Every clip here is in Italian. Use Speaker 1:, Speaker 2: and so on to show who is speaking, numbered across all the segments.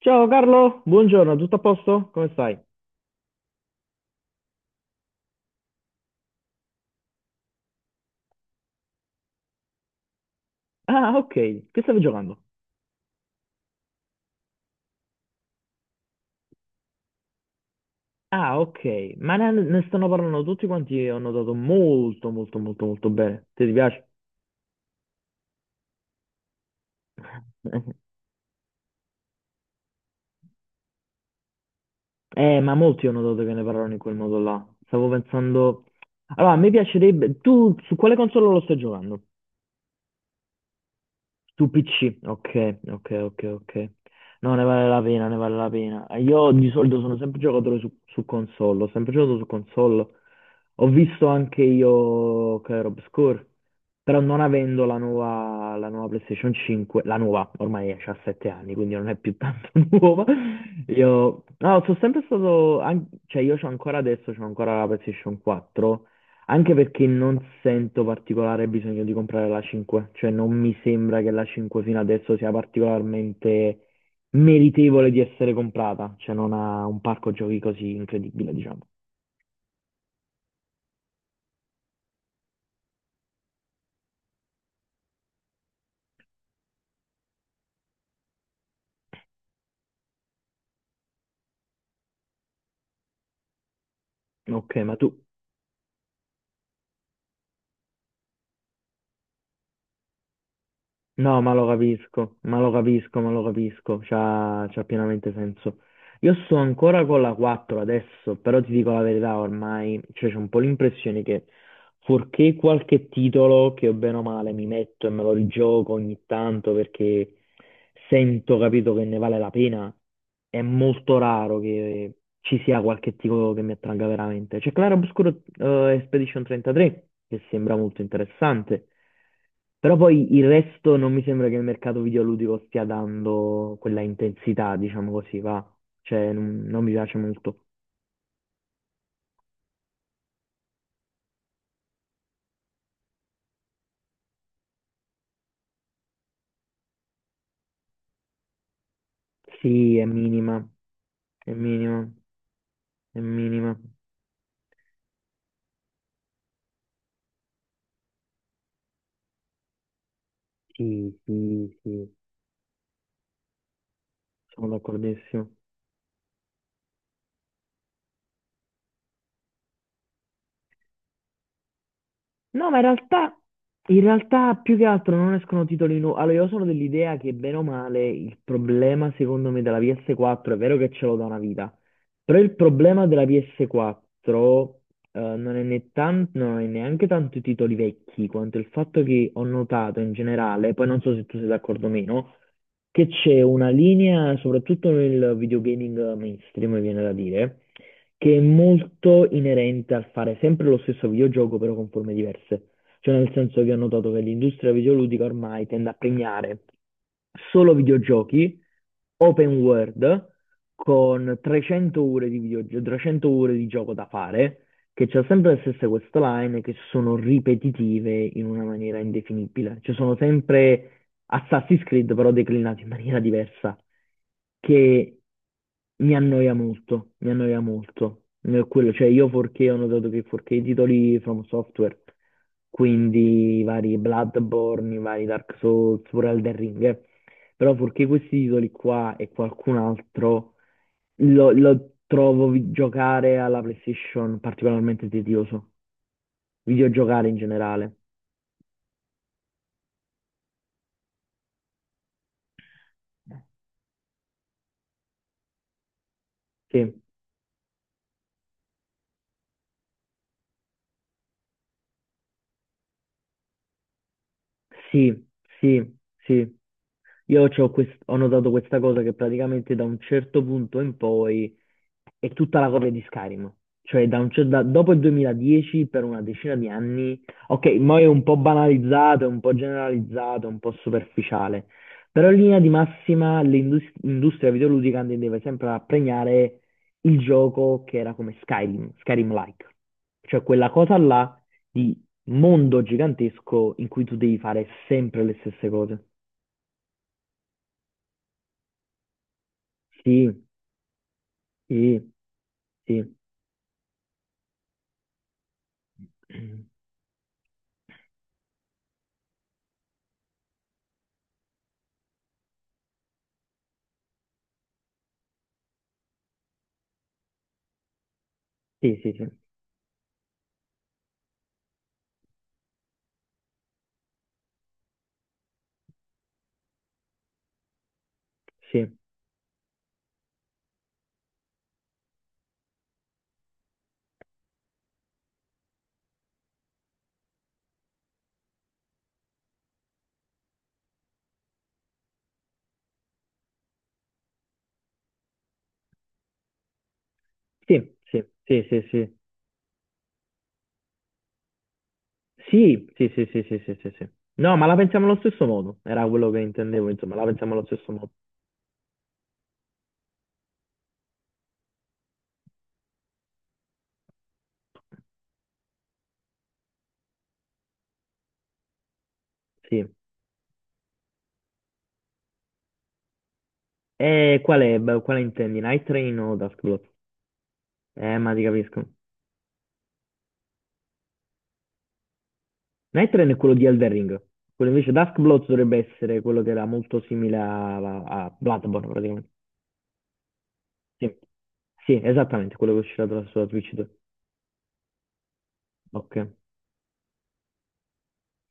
Speaker 1: Ciao Carlo, buongiorno, tutto a posto? Come stai? Ah, ok, che stavi giocando? Ah, ok, ma ne stanno parlando tutti quanti, ho notato molto, molto, molto, molto bene. Ti piace? Ma molti ho notato che ne parlano in quel modo là. Stavo pensando. Allora, a me piacerebbe. Tu su quale console lo stai giocando? Su PC? Ok, ok, ok, ok. No, ne vale la pena, ne vale la pena. Io di solito sono sempre giocatore su console, ho sempre giocato su console. Ho visto anche io Clair Obscur, però non avendo la nuova PlayStation 5, la nuova ormai ha 7 anni, quindi non è più tanto nuova. Io, no, sono sempre stato, cioè io c'ho ancora adesso, c'ho ancora la PlayStation 4, anche perché non sento particolare bisogno di comprare la 5, cioè non mi sembra che la 5 fino adesso sia particolarmente meritevole di essere comprata, cioè non ha un parco giochi così incredibile, diciamo. Ok, ma tu. No, ma lo capisco, ma lo capisco, ma lo capisco, c'ha pienamente senso. Io sto ancora con la 4 adesso, però ti dico la verità ormai, cioè c'è un po' l'impressione che fuorché qualche titolo che o bene o male mi metto e me lo rigioco ogni tanto perché sento, capito, che ne vale la pena, è molto raro che ci sia qualche titolo che mi attragga veramente. C'è Claro Obscuro Expedition 33, che sembra molto interessante, però poi il resto non mi sembra che il mercato videoludico stia dando quella intensità, diciamo così, va. Cioè, non mi piace molto. Sì, è minima, è minima, è minima. Sì, sì, sì, sono d'accordissimo. No, ma in realtà più che altro non escono titoli nuovi. Allora, io sono dell'idea che bene o male il problema, secondo me, della PS4 è vero che ce l'ho da una vita, però il problema della PS4 non è neanche tanto i titoli vecchi, quanto il fatto che ho notato in generale, poi non so se tu sei d'accordo o meno, che c'è una linea, soprattutto nel videogaming mainstream, mi viene da dire. Che è molto inerente al fare sempre lo stesso videogioco però con forme diverse. Cioè nel senso che ho notato che l'industria videoludica ormai tende a premiare solo videogiochi open world con 300 ore di videogioco, 300 ore di gioco da fare, che c'è sempre le stesse questline che sono ripetitive in una maniera indefinibile. Ci sono sempre Assassin's Creed però declinato in maniera diversa, che mi annoia molto, mi annoia molto. Quello, cioè io 4K ho notato che 4K i titoli From Software, quindi i vari Bloodborne, i vari Dark Souls, pure Elden Ring, eh. Però 4K questi titoli qua e qualcun altro lo trovo giocare alla PlayStation particolarmente tedioso, videogiocare in generale. Sì. Sì, sì, sì. Io ho notato questa cosa che praticamente da un certo punto in poi è tutta la copia di Skyrim. Cioè, da un cer- da- dopo il 2010, per una decina di anni, ok, mo è un po' banalizzato, è un po' generalizzato, è un po' superficiale, però in linea di massima l'industria videoludica tendeva sempre a premiare il gioco che era come Skyrim, Skyrim-like, cioè quella cosa là di mondo gigantesco in cui tu devi fare sempre le stesse cose. Sì, sì, sì, sì, sì, sì, sì, sì, sì, sì, sì, sì, sì, sì, sì, sì, sì, sì, sì, sì. No, ma la pensiamo allo stesso modo, era quello che intendevo, insomma, la pensiamo allo stesso modo, sì. E qual è, beh, quale intendi, Night Train o Dusk Blood? Ma ti capisco. Night Train è quello di Elden Ring, quello invece Dusk Blood dovrebbe essere quello che era molto simile a Bloodborne, praticamente. Sì, sì, esattamente, quello che uscirà sulla Switch 2. Ok.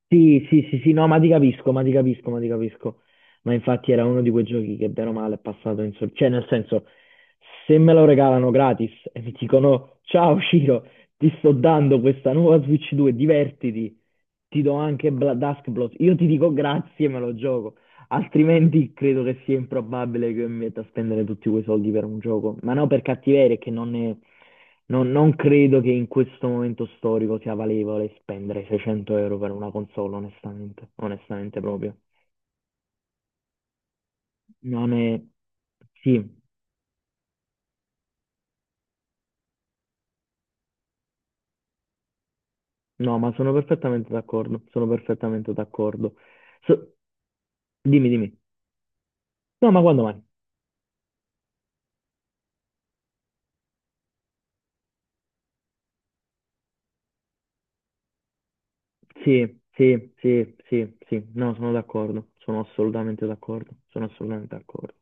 Speaker 1: Sì, sì, sì, sì, no, ma ti capisco, ma ti capisco, ma ti capisco. Ma infatti era uno di quei giochi che bene o male è passato in sordina. Cioè, nel senso, se me lo regalano gratis e mi dicono, ciao Ciro, ti sto dando questa nuova Switch 2, divertiti, ti do anche Dusk Blood. Io ti dico grazie e me lo gioco. Altrimenti credo che sia improbabile che mi metta a spendere tutti quei soldi per un gioco. Ma no, per cattiveria, è che non ne. Non credo che in questo momento storico sia valevole spendere 600 euro per una console, onestamente, onestamente proprio. Non è. Sì, no, ma sono perfettamente d'accordo, sono perfettamente d'accordo. So- Dimmi, dimmi. No, ma quando mai? Sì, sì, sì, sì, sì, no, sono d'accordo, sono assolutamente d'accordo, sono assolutamente d'accordo.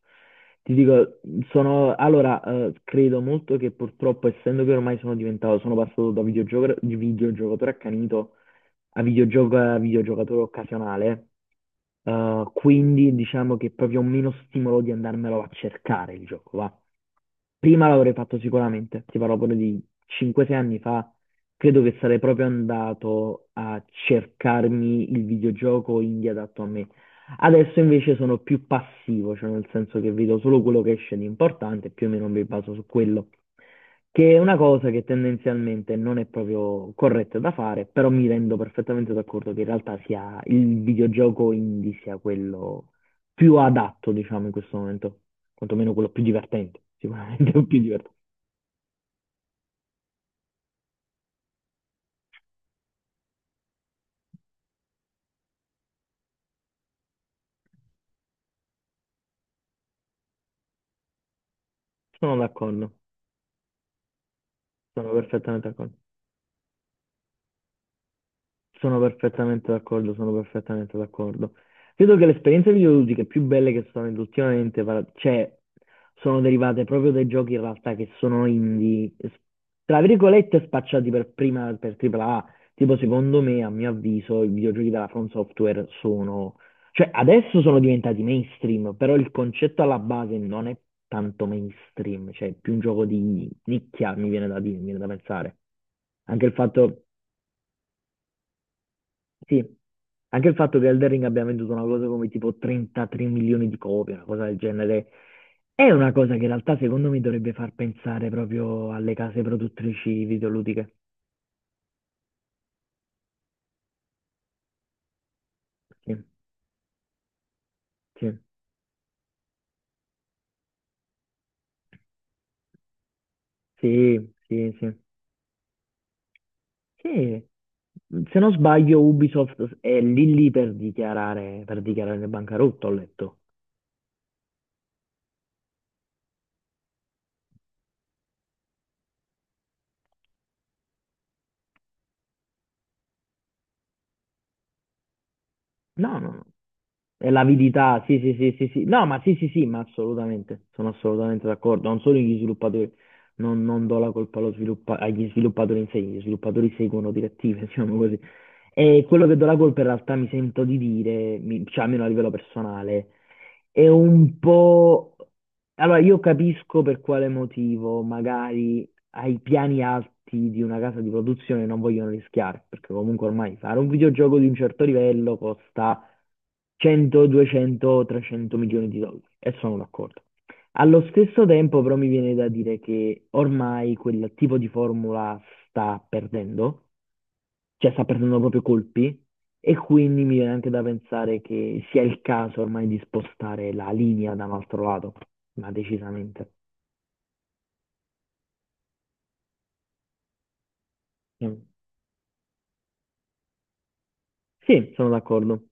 Speaker 1: Ti dico, sono, allora, credo molto che purtroppo, essendo che ormai sono diventato, sono passato da videogiocatore accanito a a videogiocatore occasionale, quindi diciamo che proprio ho meno stimolo di andarmelo a cercare il gioco, va. Prima l'avrei fatto sicuramente, ti parlo pure di 5-6 anni fa, credo che sarei proprio andato a cercarmi il videogioco indie adatto a me. Adesso invece sono più passivo, cioè nel senso che vedo solo quello che esce di importante e più o meno mi baso su quello, che è una cosa che tendenzialmente non è proprio corretta da fare, però mi rendo perfettamente d'accordo che in realtà sia il videogioco indie sia quello più adatto, diciamo, in questo momento, quantomeno quello più divertente, sicuramente più divertente. Sono d'accordo, sono perfettamente d'accordo. Sono perfettamente d'accordo, sono perfettamente d'accordo. Credo che le esperienze videoludiche più belle che sono venute ultimamente, cioè, sono derivate proprio dai giochi in realtà che sono indie, tra virgolette spacciati per prima per AAA. Tipo, secondo me, a mio avviso, i videogiochi della From Software sono, cioè, adesso sono diventati mainstream, però il concetto alla base non è tanto mainstream, cioè, è più un gioco di nicchia, mi viene da dire, mi viene da pensare. Anche il fatto sì, anche il fatto che Elden Ring abbia venduto una cosa come tipo 33 milioni di copie, una cosa del genere, è una cosa che in realtà secondo me dovrebbe far pensare proprio alle case produttrici videoludiche. Sì, sì, sì, sì, sì. Sì. Se non sbaglio, Ubisoft è lì lì per dichiarare bancarotto, ho letto. No, no, no. È l'avidità, sì, sì, sì, sì, sì. No, ma sì, sì, sì, ma assolutamente, sono assolutamente d'accordo. Non solo gli sviluppatori, non do la colpa agli sviluppatori in sé, gli sviluppatori seguono direttive, diciamo così. E quello che do la colpa in realtà mi sento di dire, cioè almeno a livello personale, è un po'. Allora, io capisco per quale motivo magari ai piani alti di una casa di produzione non vogliono rischiare, perché comunque ormai fare un videogioco di un certo livello costa 100, 200, 300 milioni di dollari e sono d'accordo. Allo stesso tempo però mi viene da dire che ormai quel tipo di formula sta perdendo, cioè sta perdendo proprio colpi e quindi mi viene anche da pensare che sia il caso ormai di spostare la linea da un altro lato, ma decisamente. Mm. Sì, sono d'accordo.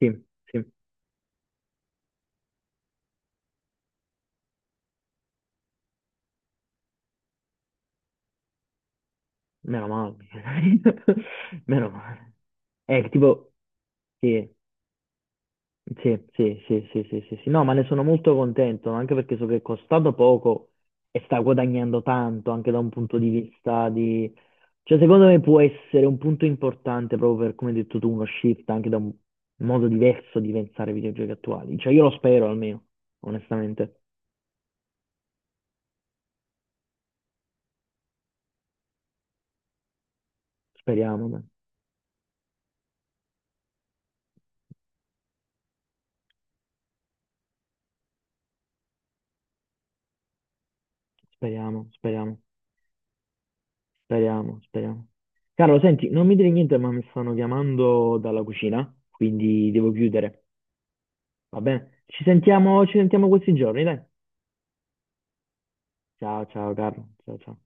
Speaker 1: Sì, sì. Meno male. Meno male. È tipo, sì, sì, sì, sì, sì, sì, sì, sì. No, ma ne sono molto contento, anche perché so che è costato poco e sta guadagnando tanto, anche da un punto di vista di. Cioè, secondo me può essere un punto importante proprio per, come hai detto tu, uno shift anche da un modo diverso di pensare ai videogiochi attuali. Cioè, io lo spero almeno, onestamente. Speriamo, dai. Speriamo, speriamo. Speriamo, speriamo. Carlo, senti, non mi dire niente, ma mi stanno chiamando dalla cucina, quindi devo chiudere. Va bene? Ci sentiamo questi giorni, dai. Ciao, ciao, Carlo. Ciao, ciao.